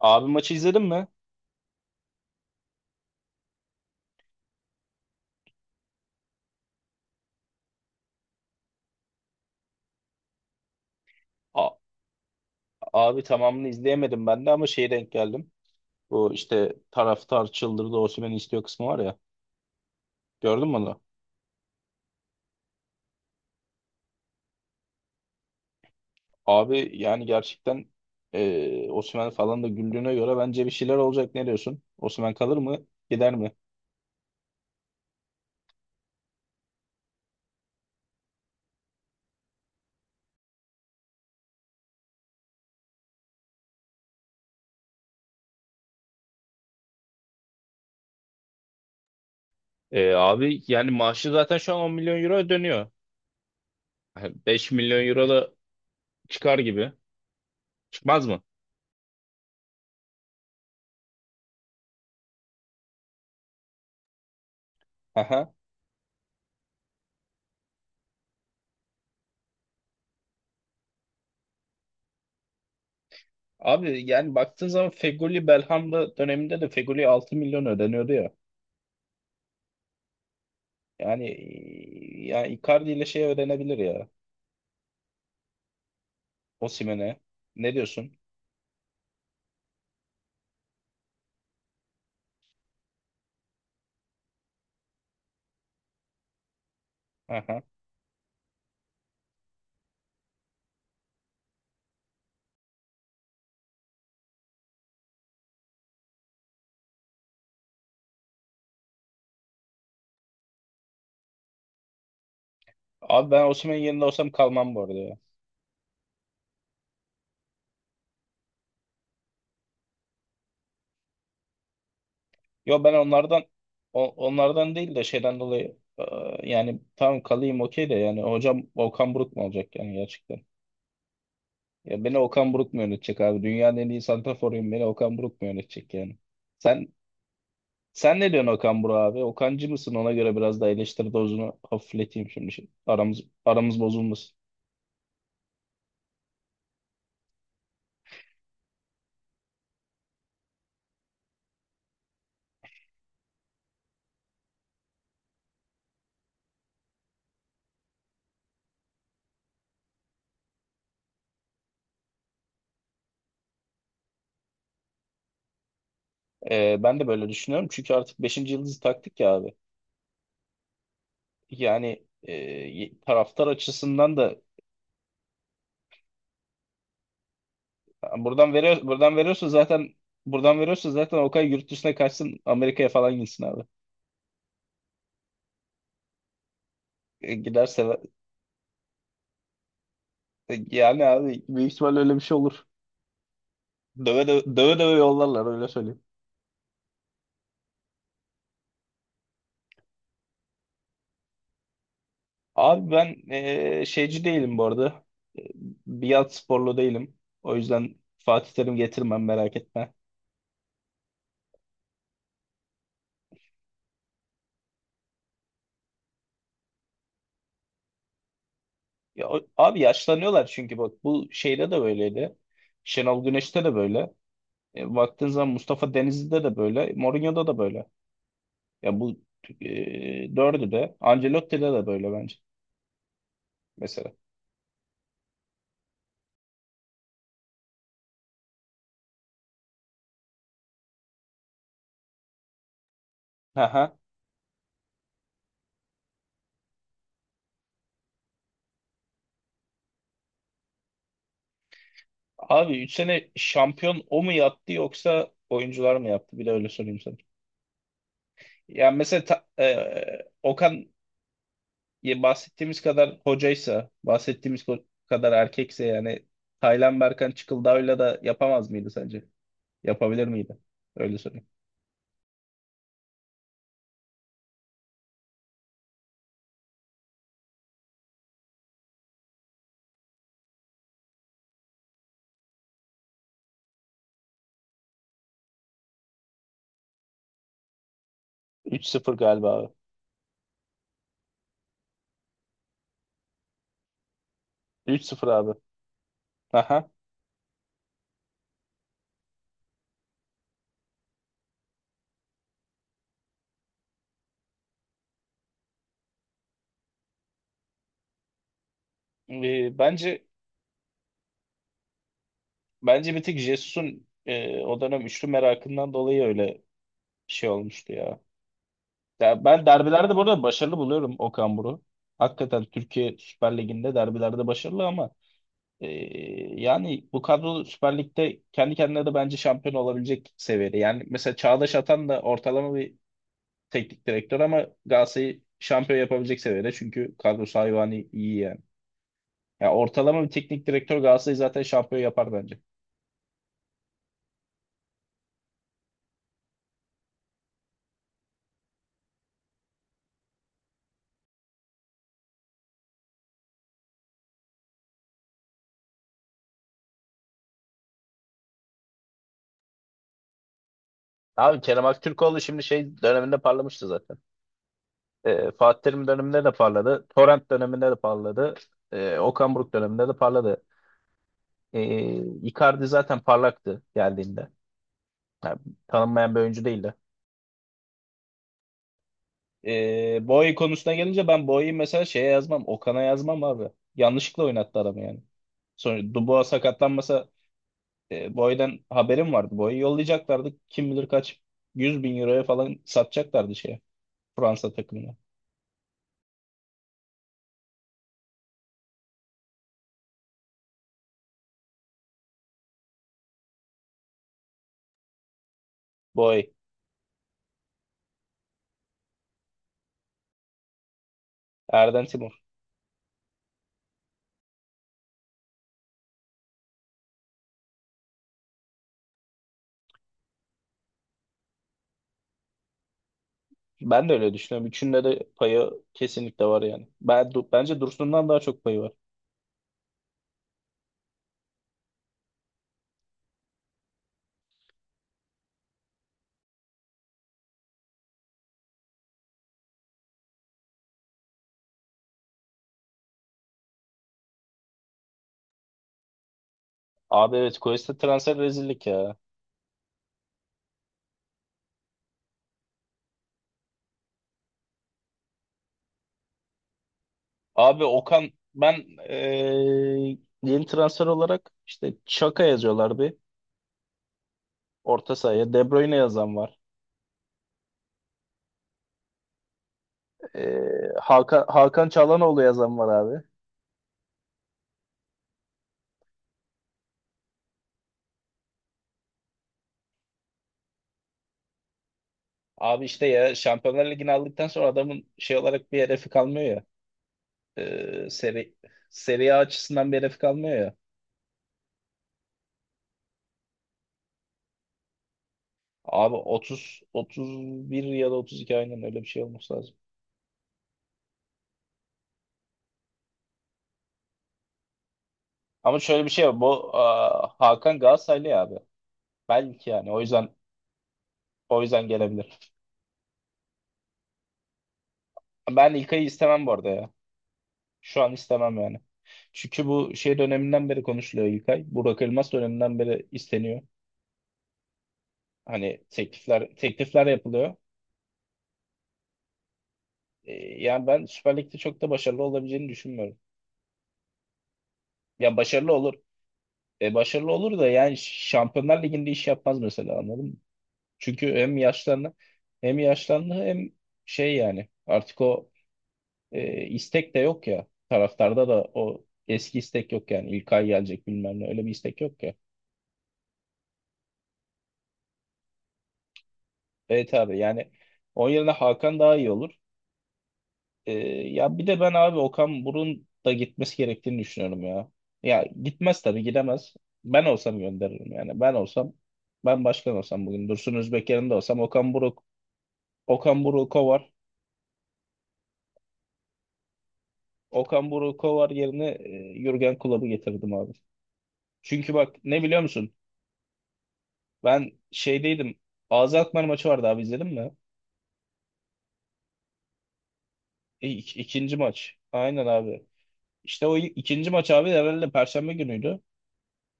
Abi maçı izledin mi? A- abi tamamını izleyemedim ben de ama şeye denk geldim. Bu işte taraftar çıldırdı, Osimhen'i istiyor kısmı var ya. Gördün mü onu? Abi yani gerçekten Osimhen falan da güldüğüne göre bence bir şeyler olacak. Ne diyorsun? Osimhen kalır mı? Gider mi? Abi yani maaşı zaten şu an 10 milyon euro dönüyor. Yani 5 milyon euro da çıkar gibi. Çıkmaz mı? Aha. Abi yani baktığın zaman Fegoli Belhanda döneminde de Fegoli 6 milyon ödeniyordu ya. Yani ya Icardi ile şey öğrenebilir ya. Osimhen'e. Ne diyorsun? Aha. Abi ben Osimhen'in yerinde olsam kalmam bu arada ya. Yo, ben onlardan, onlardan değil de şeyden dolayı, yani tamam kalayım okey de yani hocam Okan Buruk mu olacak yani gerçekten? Ya beni Okan Buruk mu yönetecek abi? Dünyanın en iyi santraforuyum. Beni Okan Buruk mu yönetecek yani? Sen sen ne diyorsun Okan Buruk abi? Okancı mısın? Ona göre biraz da eleştiri dozunu hafifleteyim şimdi. Aramız bozulmasın. Ben de böyle düşünüyorum. Çünkü artık beşinci yıldızı taktık ya abi. Yani taraftar açısından da buradan veriyor, buradan veriyorsun zaten. Okay, yurt dışına kaçsın, Amerika'ya falan gitsin abi. Giderse, yani abi büyük ihtimalle öyle bir şey olur. Döve döve, döve, döve yollarlar, öyle söyleyeyim. Abi ben, şeyci değilim bu arada. E, Biat sporlu değilim. O yüzden Fatih Terim getirmem, merak etme. Ya, abi yaşlanıyorlar çünkü bak, bu şeyde de böyleydi. Şenol Güneş'te de böyle. Baktığın zaman Mustafa Denizli'de de böyle. Mourinho'da da böyle. Ya bu dördü de. Ancelotti'de de böyle bence mesela. Aha. Abi 3 sene şampiyon o mu yaptı yoksa oyuncular mı yaptı? Bir de öyle sorayım sana. Ya mesela Okan, ya bahsettiğimiz kadar hocaysa, bahsettiğimiz kadar erkekse yani, Taylan Berkan Çıkıldağ'la da yapamaz mıydı sence? Yapabilir miydi? Öyle söyleyeyim. 3-0 galiba abi. 3-0 abi. Aha. Ee, bence bence bir tek Jesus'un, o dönem üçlü merakından dolayı öyle bir şey olmuştu ya. Ya ben derbilerde burada başarılı buluyorum Okan Buruk'u. Hakikaten Türkiye Süper Ligi'nde derbilerde başarılı ama e, yani bu kadro Süper Lig'de kendi kendine de bence şampiyon olabilecek seviyede. Yani mesela Çağdaş Atan da ortalama bir teknik direktör ama Galatasaray'ı şampiyon yapabilecek seviyede. Çünkü kadrosu hayvani iyi. Ya, ortalama bir teknik direktör Galatasaray'ı zaten şampiyon yapar bence. Abi Kerem Aktürkoğlu şimdi şey döneminde parlamıştı zaten. Fatih Terim döneminde de parladı. Torrent döneminde de parladı. Okan Buruk döneminde de parladı. Icardi zaten parlaktı geldiğinde. Yani tanınmayan bir oyuncu değildi. Boye konusuna gelince, ben Boye'yi mesela şeye yazmam. Okan'a yazmam abi. Yanlışlıkla oynattı adamı yani. Sonra Dubois sakatlanmasa. Boy'dan haberim vardı. Boy'u yollayacaklardı. Kim bilir kaç 100 bin euroya falan satacaklardı şeye. Fransa takımına. Boy. Erden Timur. Ben de öyle düşünüyorum. Üçünde de payı kesinlikle var yani. Ben, bence Dursun'dan daha çok payı var. Abi evet, Koyes'te transfer rezillik ya. Abi Okan, ben yeni transfer olarak işte Çaka yazıyorlar bir orta sahaya. De Bruyne yazan var. Hakan Çalhanoğlu yazan var abi. Abi işte ya, Şampiyonlar Ligi'ni aldıktan sonra adamın şey olarak bir hedefi kalmıyor ya. Ee, seri, seri A açısından bir hedefi kalmıyor ya. Abi 30 31 ya da 32, aynen öyle bir şey olması lazım. Ama şöyle bir şey var. Bu Hakan Galatasaraylı ya abi. Belki yani o yüzden gelebilir. Ben İlkay'ı istemem bu arada ya. Şu an istemem yani. Çünkü bu şey döneminden beri konuşuluyor İlkay. Burak Elmas döneminden beri isteniyor. Hani teklifler yapılıyor. E, yani ben Süper Lig'de çok da başarılı olabileceğini düşünmüyorum. Ya, başarılı olur. Başarılı olur da yani Şampiyonlar Ligi'nde iş yapmaz mesela, anladın mı? Çünkü hem yaşlandı hem şey, yani artık o, istek de yok ya. Taraftarda da o eski istek yok yani. İlkay gelecek, bilmem ne, öyle bir istek yok ya. Evet abi, yani onun yerine Hakan daha iyi olur. Ee, Ya bir de ben abi Okan Buruk'un da gitmesi gerektiğini düşünüyorum ya. Ya gitmez tabii, gidemez. Ben olsam gönderirim yani. Ben başkan olsam, bugün Dursun Özbek yerinde olsam, Okan Buruk, Okan Buruk kovar. Okan Buruk kovar yerine Jürgen Klopp'u getirdim abi. Çünkü bak, ne biliyor musun? Ben şeydeydim. Ağzı Alkmaar maçı vardı abi, izledin mi? İ ikinci maç. Aynen abi. İşte o ikinci maç abi herhalde Perşembe günüydü.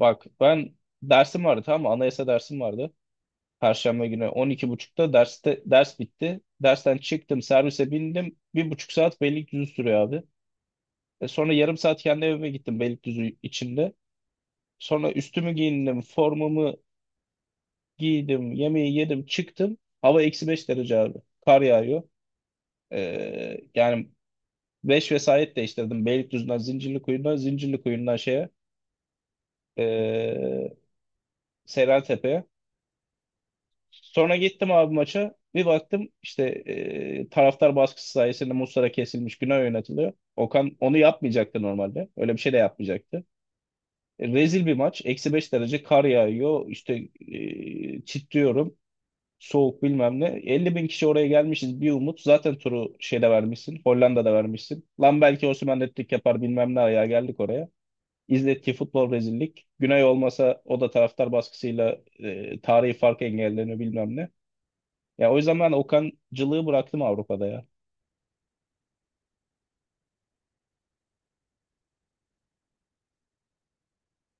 Bak ben dersim vardı, tamam mı? Anayasa dersim vardı. Perşembe günü 12:30'da derste ders bitti. Dersten çıktım, servise bindim. 1,5 saat Beylikdüzü sürüyor abi. Sonra yarım saat kendi evime gittim Beylikdüzü içinde. Sonra üstümü giyindim, formamı giydim, yemeği yedim, çıktım. Hava -5 derece abi. Kar yağıyor. Yani 5 vesayet değiştirdim. Beylikdüzü'nden Zincirlikuyu'na, Zincirlikuyu'ndan şeye, e, Seyrantepe'ye. Sonra gittim abi maça. Bir baktım işte taraftar baskısı sayesinde Muslera kesilmiş güne oynatılıyor. Okan onu yapmayacaktı normalde. Öyle bir şey de yapmayacaktı. Rezil bir maç. -5 derece, kar yağıyor. İşte titriyorum. Soğuk, bilmem ne. 50 bin kişi oraya gelmişiz bir umut. Zaten turu şeyde vermişsin. Hollanda'da vermişsin. Lan belki Osimhen hat-trick yapar bilmem ne, ayağa geldik oraya. İzlettiği futbol rezillik. Güney olmasa, o da taraftar baskısıyla tarihi fark engellerini bilmem ne. Ya o yüzden ben Okancılığı bıraktım Avrupa'da ya.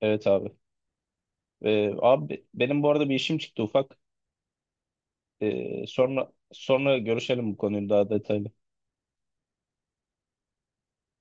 Evet abi. Abi benim bu arada bir işim çıktı ufak. Sonra görüşelim bu konuyu daha detaylı.